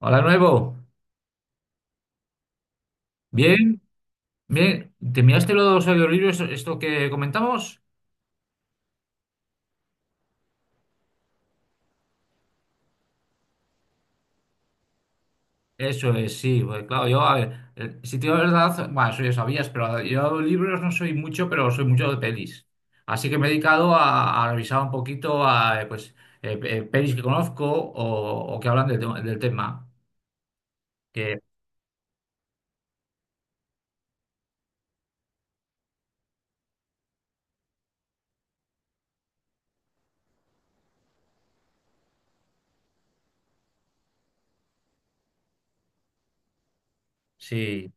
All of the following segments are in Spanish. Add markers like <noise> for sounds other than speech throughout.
Hola, nuevo. Bien, bien. ¿Te miraste los audiolibros, esto que comentamos? Eso es, sí. Claro, yo, a ver, si te digo la verdad, bueno, eso ya sabías, pero yo libros no soy mucho, pero soy mucho de pelis. Así que me he dedicado a revisar un poquito a, pelis que conozco o, que hablan del tema. Que sí.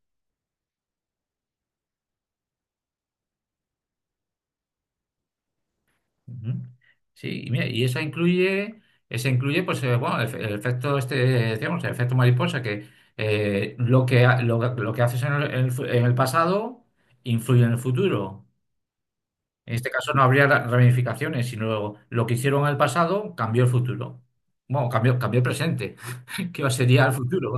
Ujú. Sí, y mira, esa incluye, el efecto este, decíamos, el efecto mariposa, que lo que haces en el, en en el pasado influye en el futuro. En este caso no habría ramificaciones, sino lo que hicieron en el pasado cambió el futuro. Bueno, cambió el presente, <laughs> que sería el futuro.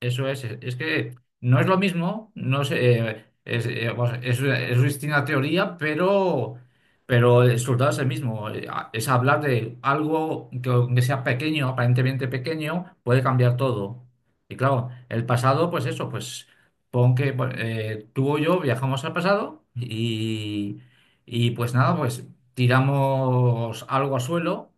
Eso es, es que no es lo mismo, no sé, vamos, es distinta teoría, pero el resultado es el mismo. Es hablar de algo que aunque sea pequeño, aparentemente pequeño, puede cambiar todo. Y claro, el pasado, pues eso, pues pon que bueno, tú o yo viajamos al pasado y pues nada, pues tiramos algo al suelo,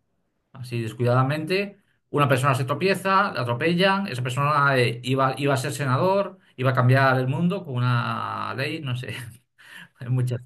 así descuidadamente. Una persona se tropieza, la atropellan, esa persona iba a ser senador, iba a cambiar el mundo con una ley, no sé, <laughs> hay muchas.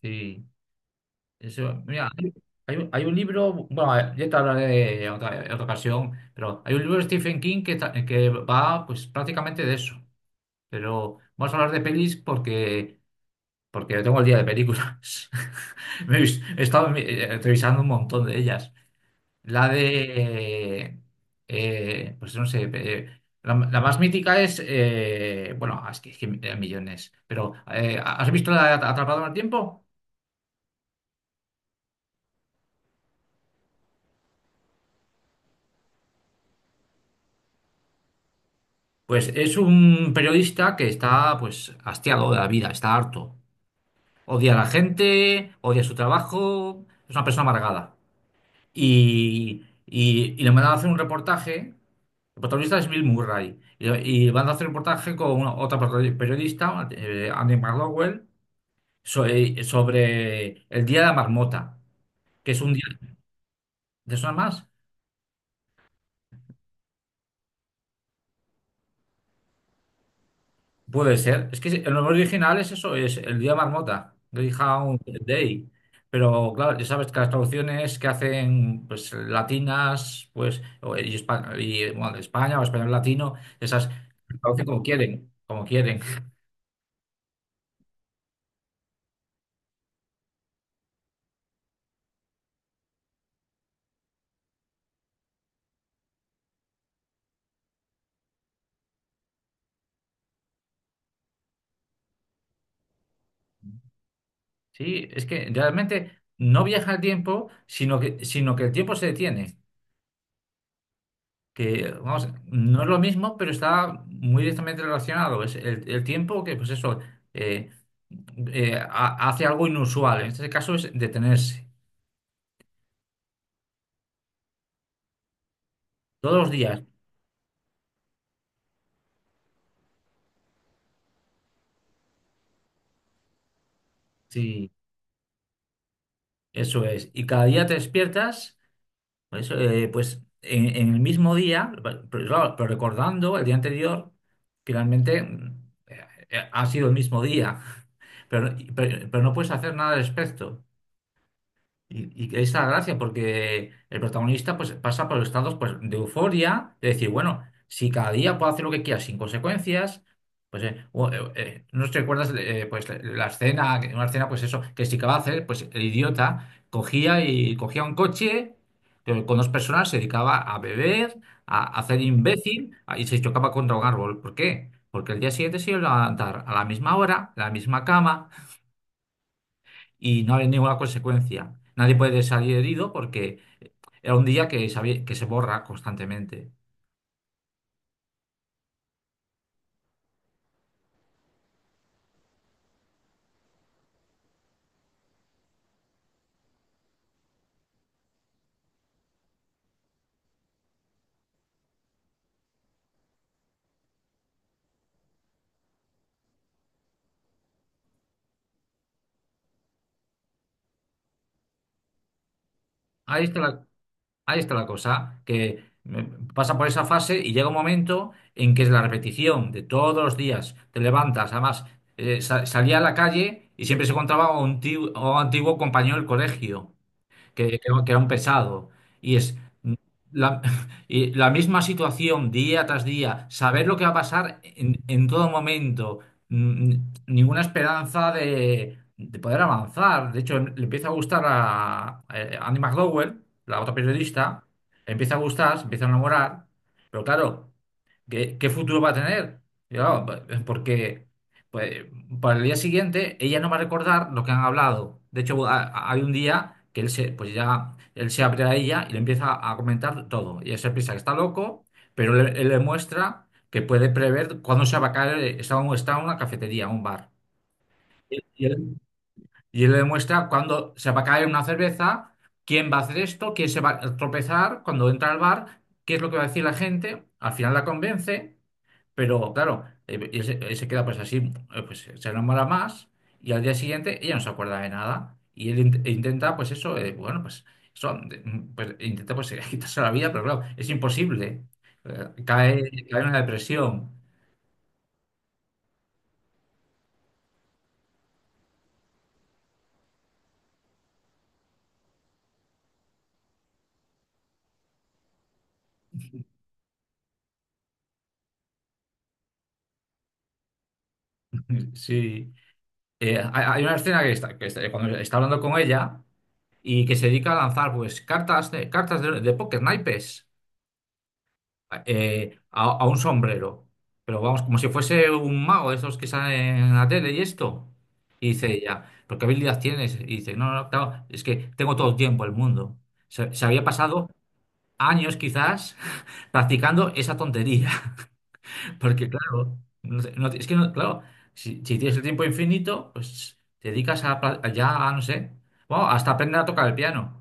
Sí, eso, mira, hay un libro, ya te hablaré en otra ocasión, pero hay un libro de Stephen King que va pues prácticamente de eso. Pero vamos a hablar de pelis porque, porque tengo el día de películas. <laughs> He estado revisando un montón de ellas. La de, pues no sé, la, la más mítica es, es que hay millones, pero ¿has visto la de Atrapado en el tiempo? Pues es un periodista que está pues hastiado de la vida, está harto. Odia a la gente, odia su trabajo, es una persona amargada. Y le mandan a hacer un reportaje. El protagonista es Bill Murray, y van a hacer un reportaje con otra periodista, Andy McDowell, sobre el Día de la Marmota, que es un día... ¿Te suena más? Puede ser. Es que el nombre original es eso, es el Día de la Marmota, Greyhound Day. Pero claro, ya sabes que las traducciones que hacen pues latinas, bueno, de España o español latino, esas traducen como quieren, como quieren. Sí, es que realmente no viaja el tiempo, sino que el tiempo se detiene. Que, vamos, no es lo mismo, pero está muy directamente relacionado. Es el tiempo que, pues eso, eh, hace algo inusual. En este caso es detenerse. Todos los días, sí, eso es. Y cada día te despiertas, pues, en el mismo día, pero, claro, pero recordando el día anterior, que realmente ha sido el mismo día, pero, pero no puedes hacer nada al respecto. Y ahí la gracia, porque el protagonista pues, pasa por estados pues, de euforia, de decir, bueno, si cada día puedo hacer lo que quiera sin consecuencias, no te recuerdas pues, la escena, una escena, pues eso, que si acaba de hacer, pues el idiota cogía un coche con dos personas, se dedicaba a beber, a hacer imbécil y se chocaba contra un árbol. ¿Por qué? Porque el día siguiente se iba a levantar a la misma hora, a la misma cama y no hay ninguna consecuencia. Nadie puede salir herido porque era un día que se borra constantemente. Ahí está la, Ahí está la cosa, pasa por esa fase y llega un momento en que es la repetición de todos los días. Te levantas, además, salía a la calle y siempre se encontraba a un tío, a un antiguo compañero del colegio. Que era un pesado. Y es la, <laughs> y la misma situación día tras día, saber lo que va a pasar en todo momento, mm, ninguna esperanza de poder avanzar. De hecho, le empieza a gustar a, Andy McDowell, la otra periodista, le empieza a gustar, se empieza a enamorar, pero claro. ¿Qué, qué futuro va a tener? Yo, porque pues, para el día siguiente ella no va a recordar lo que han hablado. De hecho, hay un día que él se, pues ya, él se abre a ella y le empieza a comentar todo. Y ella se piensa que está loco, pero él le muestra que puede prever cuándo se va a caer, está, está en una cafetería, un bar. Y y él, y él le muestra cuándo se va a caer una cerveza, quién va a hacer esto, quién se va a tropezar cuando entra al bar, qué es lo que va a decir la gente. Al final la convence. Pero claro, él se queda pues así, pues se enamora más y al día siguiente ella no se acuerda de nada y él int- e intenta pues eso, pues intenta <laughs> quitarse la vida, pero claro, es imposible. Eh, cae, Cae en una depresión. <laughs> Sí. Hay una escena que cuando está hablando con ella y que se dedica a lanzar pues cartas de póker, naipes. A un sombrero. Pero vamos, como si fuese un mago, esos que salen en la tele y esto. Y dice ella, ¿pero qué habilidad tienes? Y dice, no, no, claro, es que tengo todo el tiempo del mundo. Se había pasado años quizás <laughs> practicando esa tontería. <laughs> Porque claro, no te- no te- es que no- claro, si tienes el tiempo infinito, pues te dedicas a no sé, bueno, hasta aprender a tocar el piano.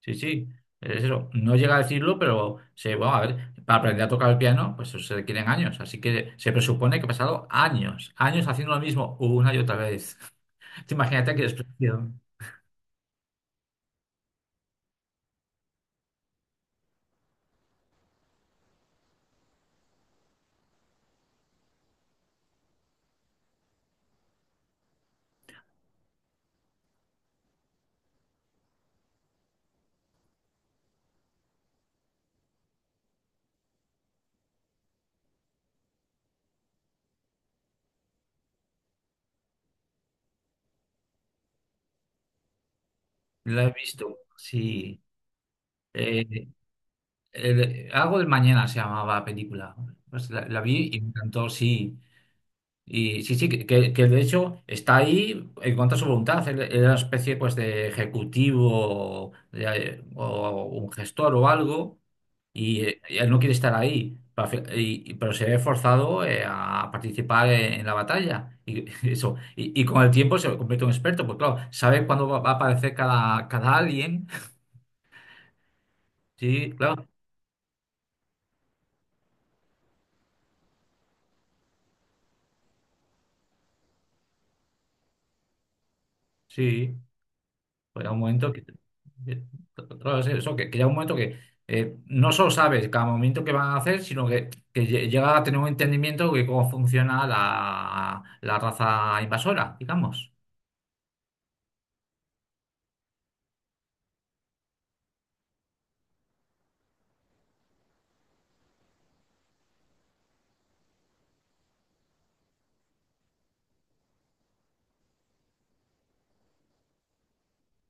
Sí, sí, es eso. No llega a decirlo, pero se, bueno, a ver, para aprender a tocar el piano, pues eso se requieren años. Así que se presupone que he pasado años, años haciendo lo mismo una y otra vez. <laughs> Te imagínate qué expresión. La he visto, sí. Eh, Algo del mañana se llamaba la película. Pues la vi y me encantó, sí. Y sí, sí, que de hecho está ahí en contra de su voluntad. Él era una especie pues de ejecutivo o un gestor o algo y él no quiere estar ahí. Pero se ve forzado a participar en la batalla. Y, <laughs> eso. Y con el tiempo se convierte en un experto, pues claro, sabe cuándo va a aparecer cada, cada alien. Sí, claro, sí. Pues un momento. Eh, claro, es eso, que llega un momento que no solo sabes cada momento que van a hacer, sino que, llega a tener un entendimiento de cómo funciona la, la raza invasora, digamos.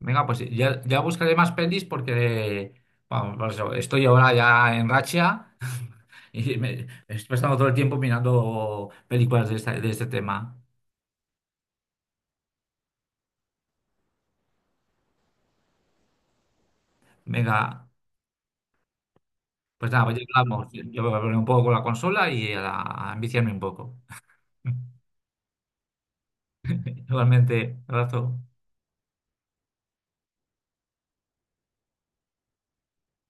Venga, pues ya, ya buscaré más pelis porque vamos, por eso, estoy ahora ya en racha <laughs> y me estoy pasando todo el tiempo mirando películas de, de este tema. Venga, pues nada, pues ya hablamos. Yo voy a poner un poco con la consola y a enviciarme un poco. <laughs> Igualmente, abrazo.